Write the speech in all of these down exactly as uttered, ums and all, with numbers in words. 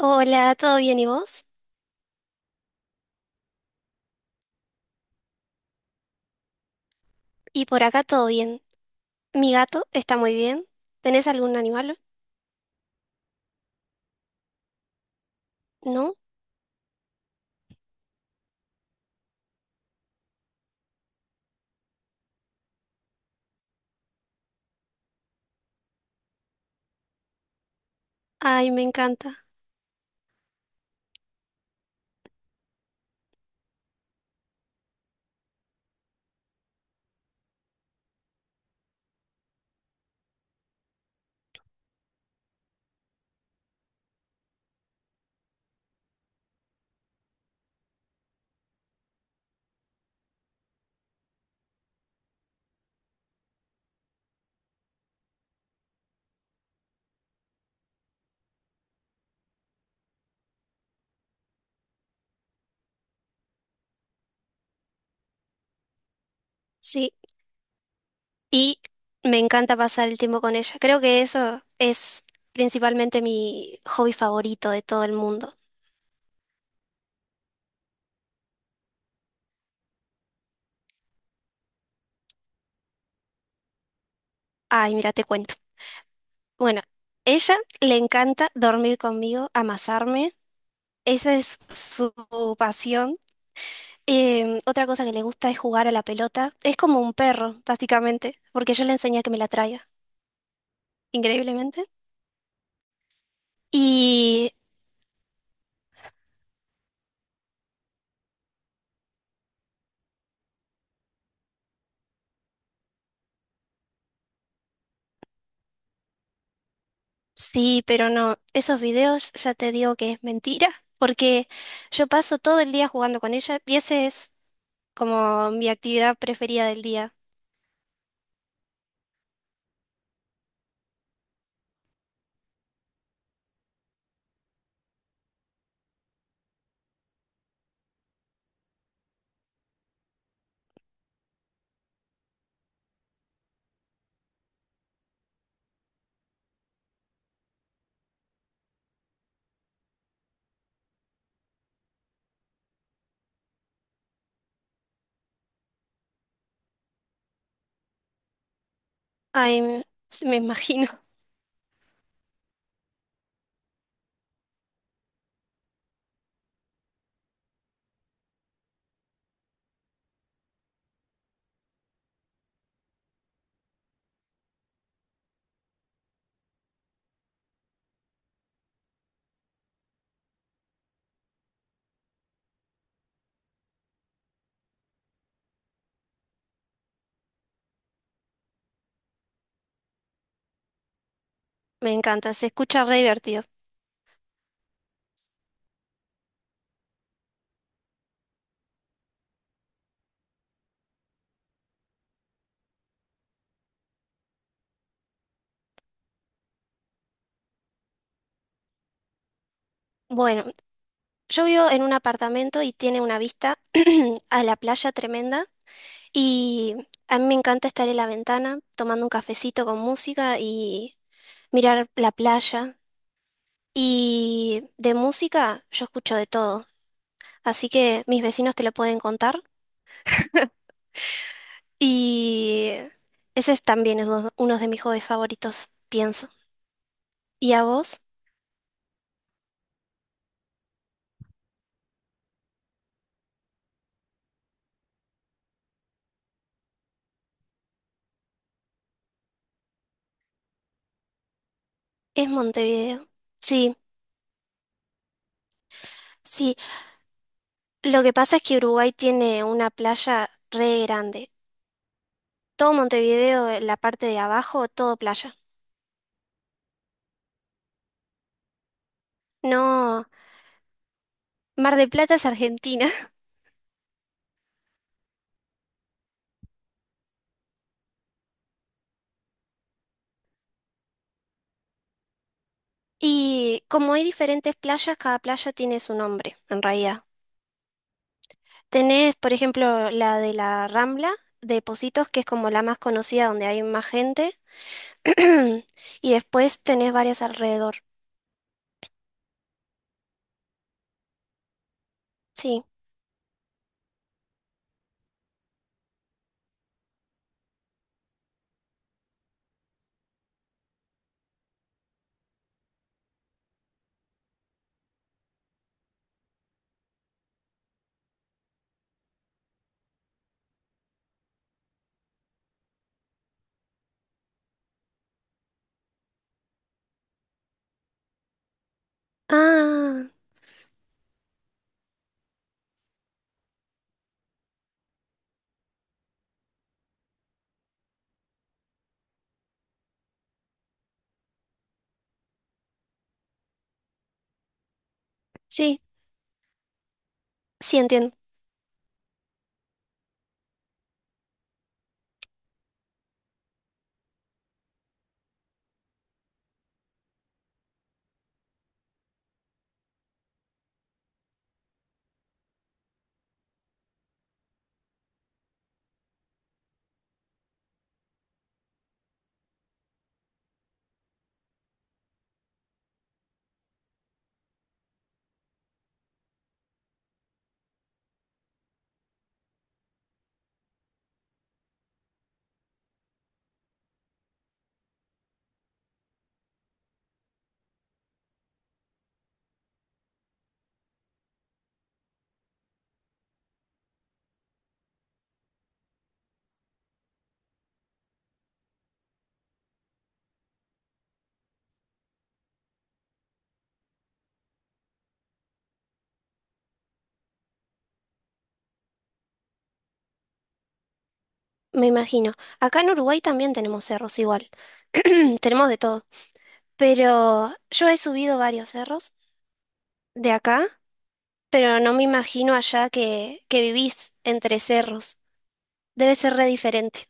Hola, ¿todo bien y vos? Y por acá todo bien. Mi gato está muy bien. ¿Tenés algún animal? ¿No? Ay, me encanta. Sí, y me encanta pasar el tiempo con ella. Creo que eso es principalmente mi hobby favorito de todo el mundo. Ay, mira, te cuento. Bueno, ella le encanta dormir conmigo, amasarme. Esa es su pasión. Em, otra cosa que le gusta es jugar a la pelota. Es como un perro, básicamente, porque yo le enseñé a que me la traiga, increíblemente. Y sí, pero no, esos videos ya te digo que es mentira, porque yo paso todo el día jugando con ella y esa es como mi actividad preferida del día. Ay, me, sí, me imagino. Me encanta, se escucha re divertido. Bueno, yo vivo en un apartamento y tiene una vista a la playa tremenda y a mí me encanta estar en la ventana tomando un cafecito con música y mirar la playa. Y de música yo escucho de todo, así que mis vecinos te lo pueden contar. Y ese es también es uno uno de mis hobbies favoritos, pienso. ¿Y a vos? Es Montevideo. Sí, sí. Lo que pasa es que Uruguay tiene una playa re grande. Todo Montevideo, eh, la parte de abajo, todo playa. No, Mar del Plata es Argentina. Y como hay diferentes playas, cada playa tiene su nombre, en realidad. Tenés, por ejemplo, la de la Rambla, de Positos, que es como la más conocida, donde hay más gente. Y después tenés varias alrededor. Sí. Ah, sí, sí entiendo, me imagino. Acá en Uruguay también tenemos cerros igual. Tenemos de todo. Pero yo he subido varios cerros de acá, pero no me imagino allá que, que vivís entre cerros. Debe ser re diferente.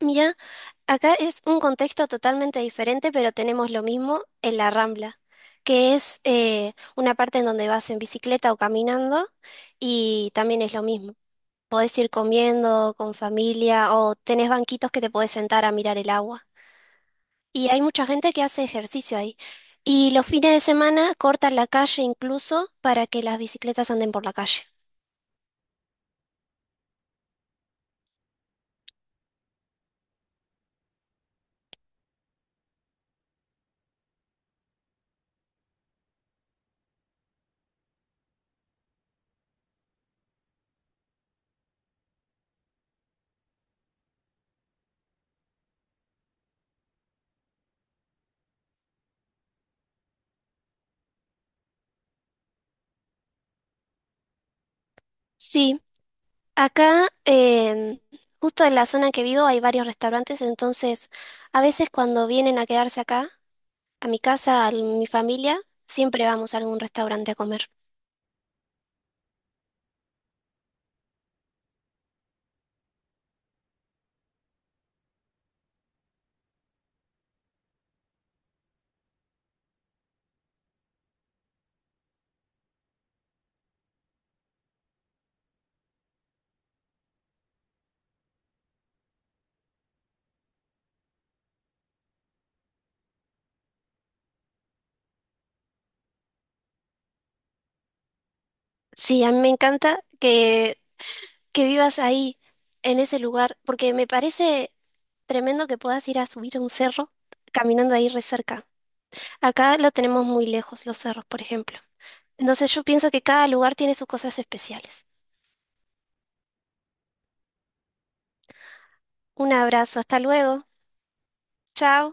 Mirá. Acá es un contexto totalmente diferente, pero tenemos lo mismo en la Rambla, que es eh, una parte en donde vas en bicicleta o caminando y también es lo mismo. Podés ir comiendo con familia o tenés banquitos que te podés sentar a mirar el agua. Y hay mucha gente que hace ejercicio ahí. Y los fines de semana cortan la calle incluso para que las bicicletas anden por la calle. Sí. Acá, em, justo en la zona en que vivo, hay varios restaurantes, entonces a veces cuando vienen a quedarse acá, a mi casa, a mi familia, siempre vamos a algún restaurante a comer. Sí, a mí me encanta que, que vivas ahí, en ese lugar, porque me parece tremendo que puedas ir a subir a un cerro caminando ahí re cerca. Acá lo tenemos muy lejos, los cerros, por ejemplo. Entonces yo pienso que cada lugar tiene sus cosas especiales. Un abrazo, hasta luego. Chao.